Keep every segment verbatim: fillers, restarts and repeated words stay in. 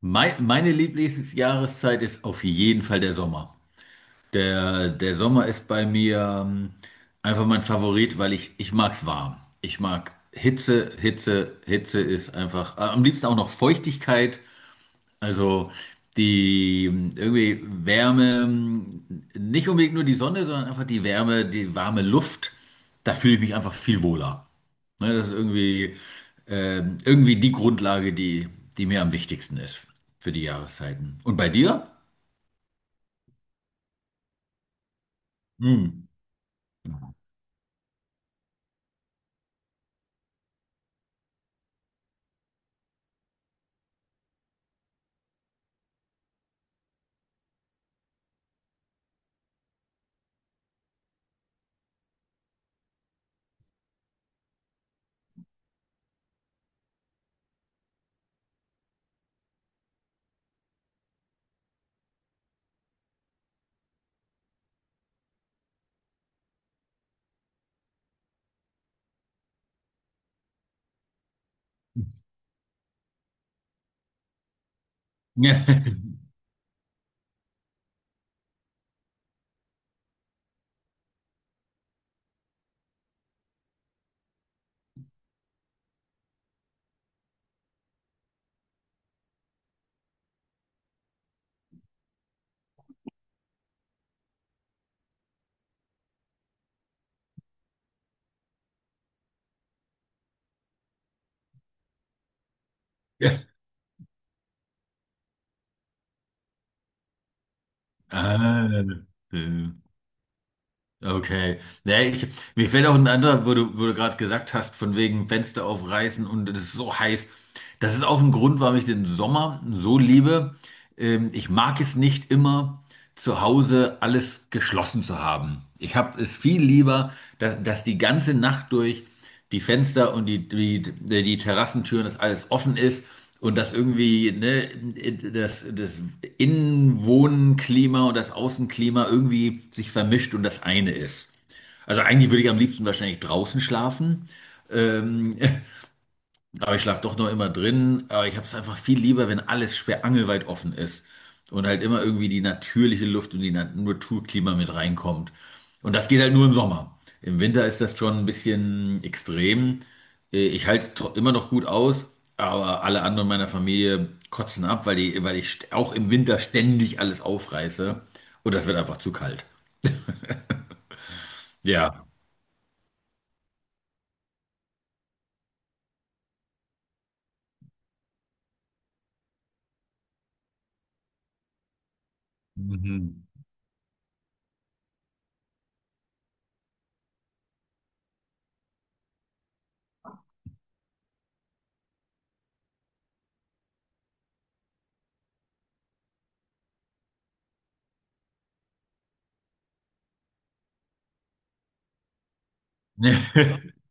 Mei- Meine Lieblingsjahreszeit ist auf jeden Fall der Sommer. Der, der Sommer ist bei mir ähm, einfach mein Favorit, weil ich, ich mag's warm. Ich mag Hitze, Hitze, Hitze ist einfach, äh, am liebsten auch noch Feuchtigkeit. Also die ähm, irgendwie Wärme, ähm, nicht unbedingt nur die Sonne, sondern einfach die Wärme, die warme Luft. Da fühle ich mich einfach viel wohler. Ne, das ist irgendwie, ähm, irgendwie die Grundlage, die, die mir am wichtigsten ist für die Jahreszeiten. Und bei dir? Hm. Ja. Ah, äh, okay. Ja, ich, mir fällt auch ein anderer, wo du, wo du gerade gesagt hast, von wegen Fenster aufreißen und es ist so heiß. Das ist auch ein Grund, warum ich den Sommer so liebe. Ähm, ich mag es nicht immer, zu Hause alles geschlossen zu haben. Ich habe es viel lieber, dass, dass die ganze Nacht durch. Die Fenster und die, die, die Terrassentüren, dass alles offen ist und dass irgendwie ne, das, das Innenwohnklima und das Außenklima irgendwie sich vermischt und das eine ist. Also eigentlich würde ich am liebsten wahrscheinlich draußen schlafen. Ähm, Aber ich schlafe doch noch immer drin. Aber ich habe es einfach viel lieber, wenn alles sperrangelweit offen ist. Und halt immer irgendwie die natürliche Luft und die Na- Naturklima mit reinkommt. Und das geht halt nur im Sommer. Im Winter ist das schon ein bisschen extrem. Äh, Ich halte tro- immer noch gut aus, aber alle anderen meiner Familie kotzen ab, weil die, weil ich st- auch im Winter ständig alles aufreiße. Und das wird einfach zu kalt. Ja. Mhm.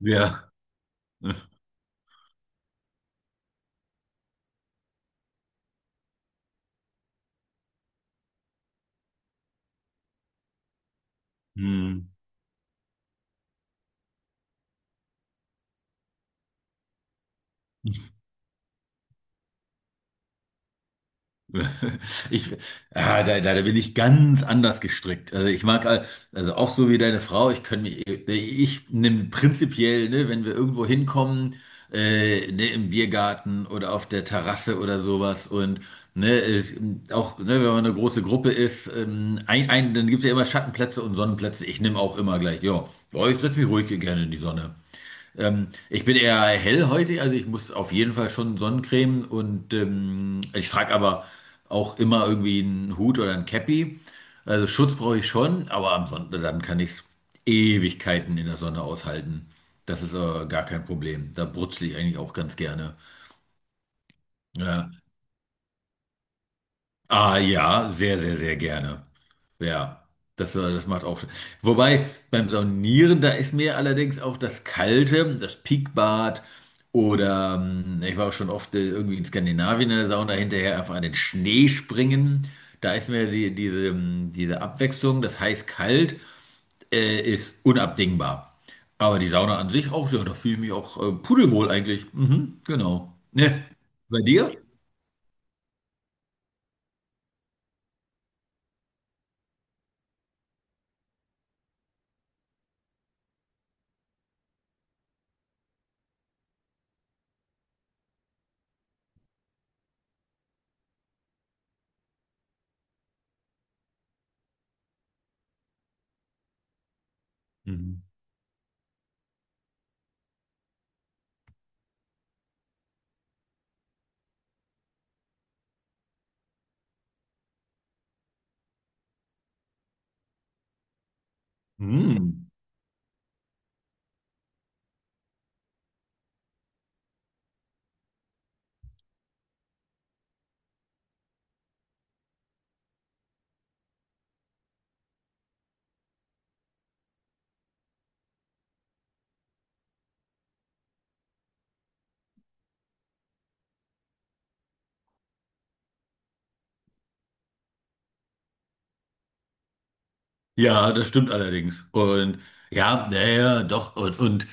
Ja. Hm. Ich, ah, da, da, da bin ich ganz anders gestrickt. Also ich mag, all- also auch so wie deine Frau, ich kann mich, ich nehme prinzipiell, ne, wenn wir irgendwo hinkommen, äh, ne, im Biergarten oder auf der Terrasse oder sowas und ne, es, auch, ne, wenn man eine große Gruppe ist, ähm, ein, ein, dann gibt es ja immer Schattenplätze und Sonnenplätze. Ich nehme auch immer gleich, ja, ja, ich setze mich ruhig hier gerne in die Sonne. Ähm, ich bin eher hellhäutig, also ich muss auf jeden Fall schon Sonnencreme und ähm, ich trage aber auch immer irgendwie einen Hut oder ein Cappy. Also Schutz brauche ich schon, aber am Sonntag dann kann ich Ewigkeiten in der Sonne aushalten. Das ist äh, gar kein Problem. Da brutzle ich eigentlich auch ganz gerne. Ja. Ah ja, sehr, sehr, sehr gerne. Ja, das, äh, das macht auch. Wobei beim Saunieren, da ist mir allerdings auch das Kalte, das Peakbad oder ähm, ich war auch schon oft äh, irgendwie in Skandinavien in der Sauna hinterher einfach an den Schnee springen. Da ist mir die, diese, ähm, diese Abwechslung, das heiß-kalt, äh, ist unabdingbar. Aber die Sauna an sich auch, ja, da fühle ich mich auch äh, pudelwohl eigentlich. Mhm, genau. Bei dir? Mhm. Mhm. Ja, das stimmt allerdings. Und ja, naja, doch. Und, und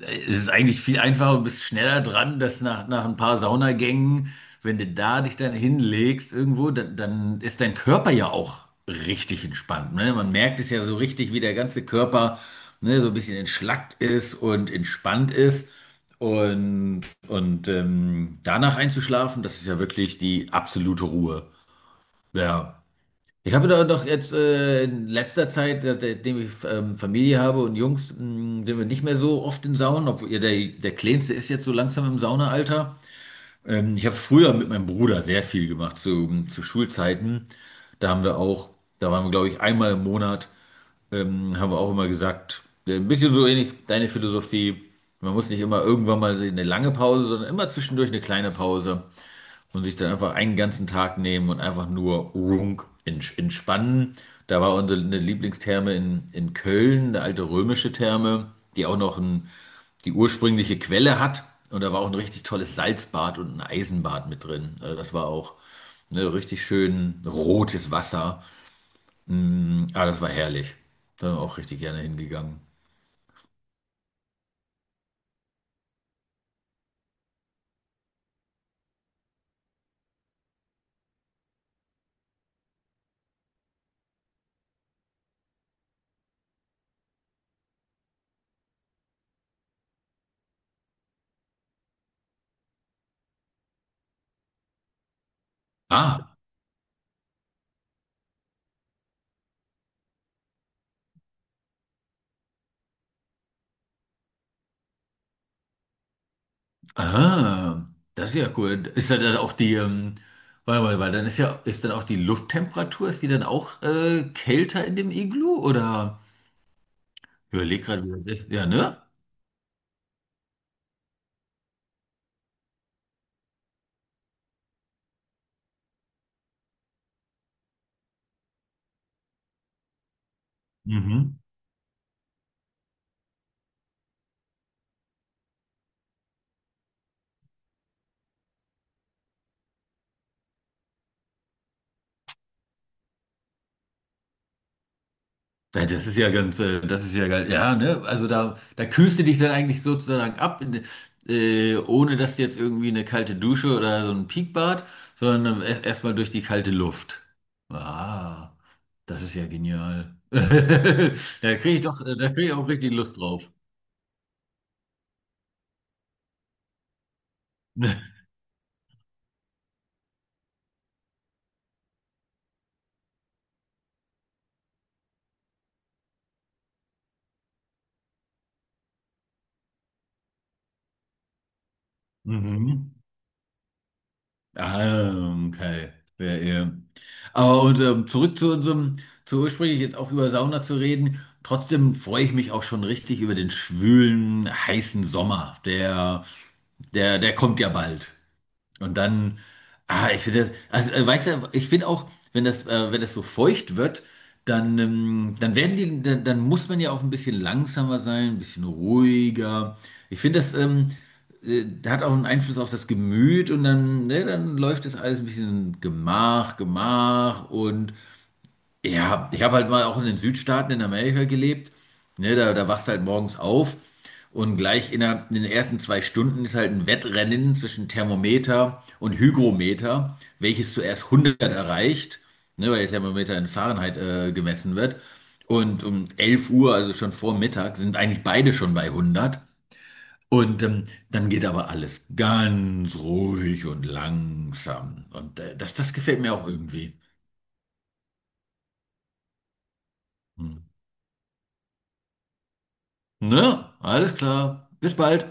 äh, es ist eigentlich viel einfacher und bist schneller dran, dass nach, nach ein paar Saunagängen, wenn du da dich dann hinlegst irgendwo, dann, dann ist dein Körper ja auch richtig entspannt. Ne? Man merkt es ja so richtig, wie der ganze Körper ne, so ein bisschen entschlackt ist und entspannt ist. Und, und ähm, danach einzuschlafen, das ist ja wirklich die absolute Ruhe. Ja. Ich habe da doch jetzt äh, in letzter Zeit, seit- seitdem ich ähm, Familie habe und Jungs, mh, sind wir nicht mehr so oft in Saunen, obwohl ihr der, der Kleinste ist jetzt so langsam im Saunaalter. Ähm, ich habe es früher mit meinem Bruder sehr viel gemacht, zu, zu Schulzeiten. Da haben wir auch, da waren wir, glaube ich, einmal im Monat, ähm, haben wir auch immer gesagt, äh, ein bisschen so ähnlich deine Philosophie. Man muss nicht immer irgendwann mal eine lange Pause, sondern immer zwischendurch eine kleine Pause und sich dann einfach einen ganzen Tag nehmen und einfach nur runk ents- entspannen. Da war unsere eine Lieblingstherme in, in Köln, eine alte römische Therme, die auch noch ein, die ursprüngliche Quelle hat. Und da war auch ein richtig tolles Salzbad und ein Eisenbad mit drin. Also das war auch ne, richtig schön rotes Wasser. Mm, ah, das war herrlich. Da bin ich auch richtig gerne hingegangen. Ah, ah, das ist ja cool. Ist da dann auch die, ähm, warte mal, weil dann ist ja, ist dann auch die Lufttemperatur, ist die dann auch äh, kälter in dem Iglu? Oder ich überleg gerade, wie das ist. Ja, ne? Mhm. Ja, das ist ja ganz, äh, das ist ja geil. Ja, ne? Also da, da kühlst du dich dann eigentlich sozusagen ab, in, äh, ohne dass du jetzt irgendwie eine kalte Dusche oder so ein Peakbad, sondern e- erstmal durch die kalte Luft. Ah, das ist ja genial. Da kriege ich doch, äh, da kriege ich auch richtig Lust drauf. Mhm. Ah, okay. Ja, ja. Aber und, ähm, zurück zu unserem, zu ursprünglich jetzt auch über Sauna zu reden. Trotzdem freue ich mich auch schon richtig über den schwülen, heißen Sommer. Der, der, der kommt ja bald. Und dann, ah, ich finde, also äh, weißt du, ich finde auch, wenn das, äh, wenn das so feucht wird, dann, ähm, dann werden die, dann, dann muss man ja auch ein bisschen langsamer sein, ein bisschen ruhiger. Ich finde, das ähm, äh, hat auch einen Einfluss auf das Gemüt und dann, ne, dann läuft das alles ein bisschen Gemach, Gemach und ja, ich habe halt mal auch in den Südstaaten in Amerika gelebt. Ne, da, da wachst du halt morgens auf und gleich innerhalb in den ersten zwei Stunden ist halt ein Wettrennen zwischen Thermometer und Hygrometer, welches zuerst hundert erreicht, ne, weil der Thermometer in Fahrenheit äh, gemessen wird. Und um elf Uhr, also schon vor Mittag, sind eigentlich beide schon bei hundert. Und ähm, dann geht aber alles ganz ruhig und langsam. Und äh, das, das gefällt mir auch irgendwie. Hm. Ne? Alles klar. Bis bald.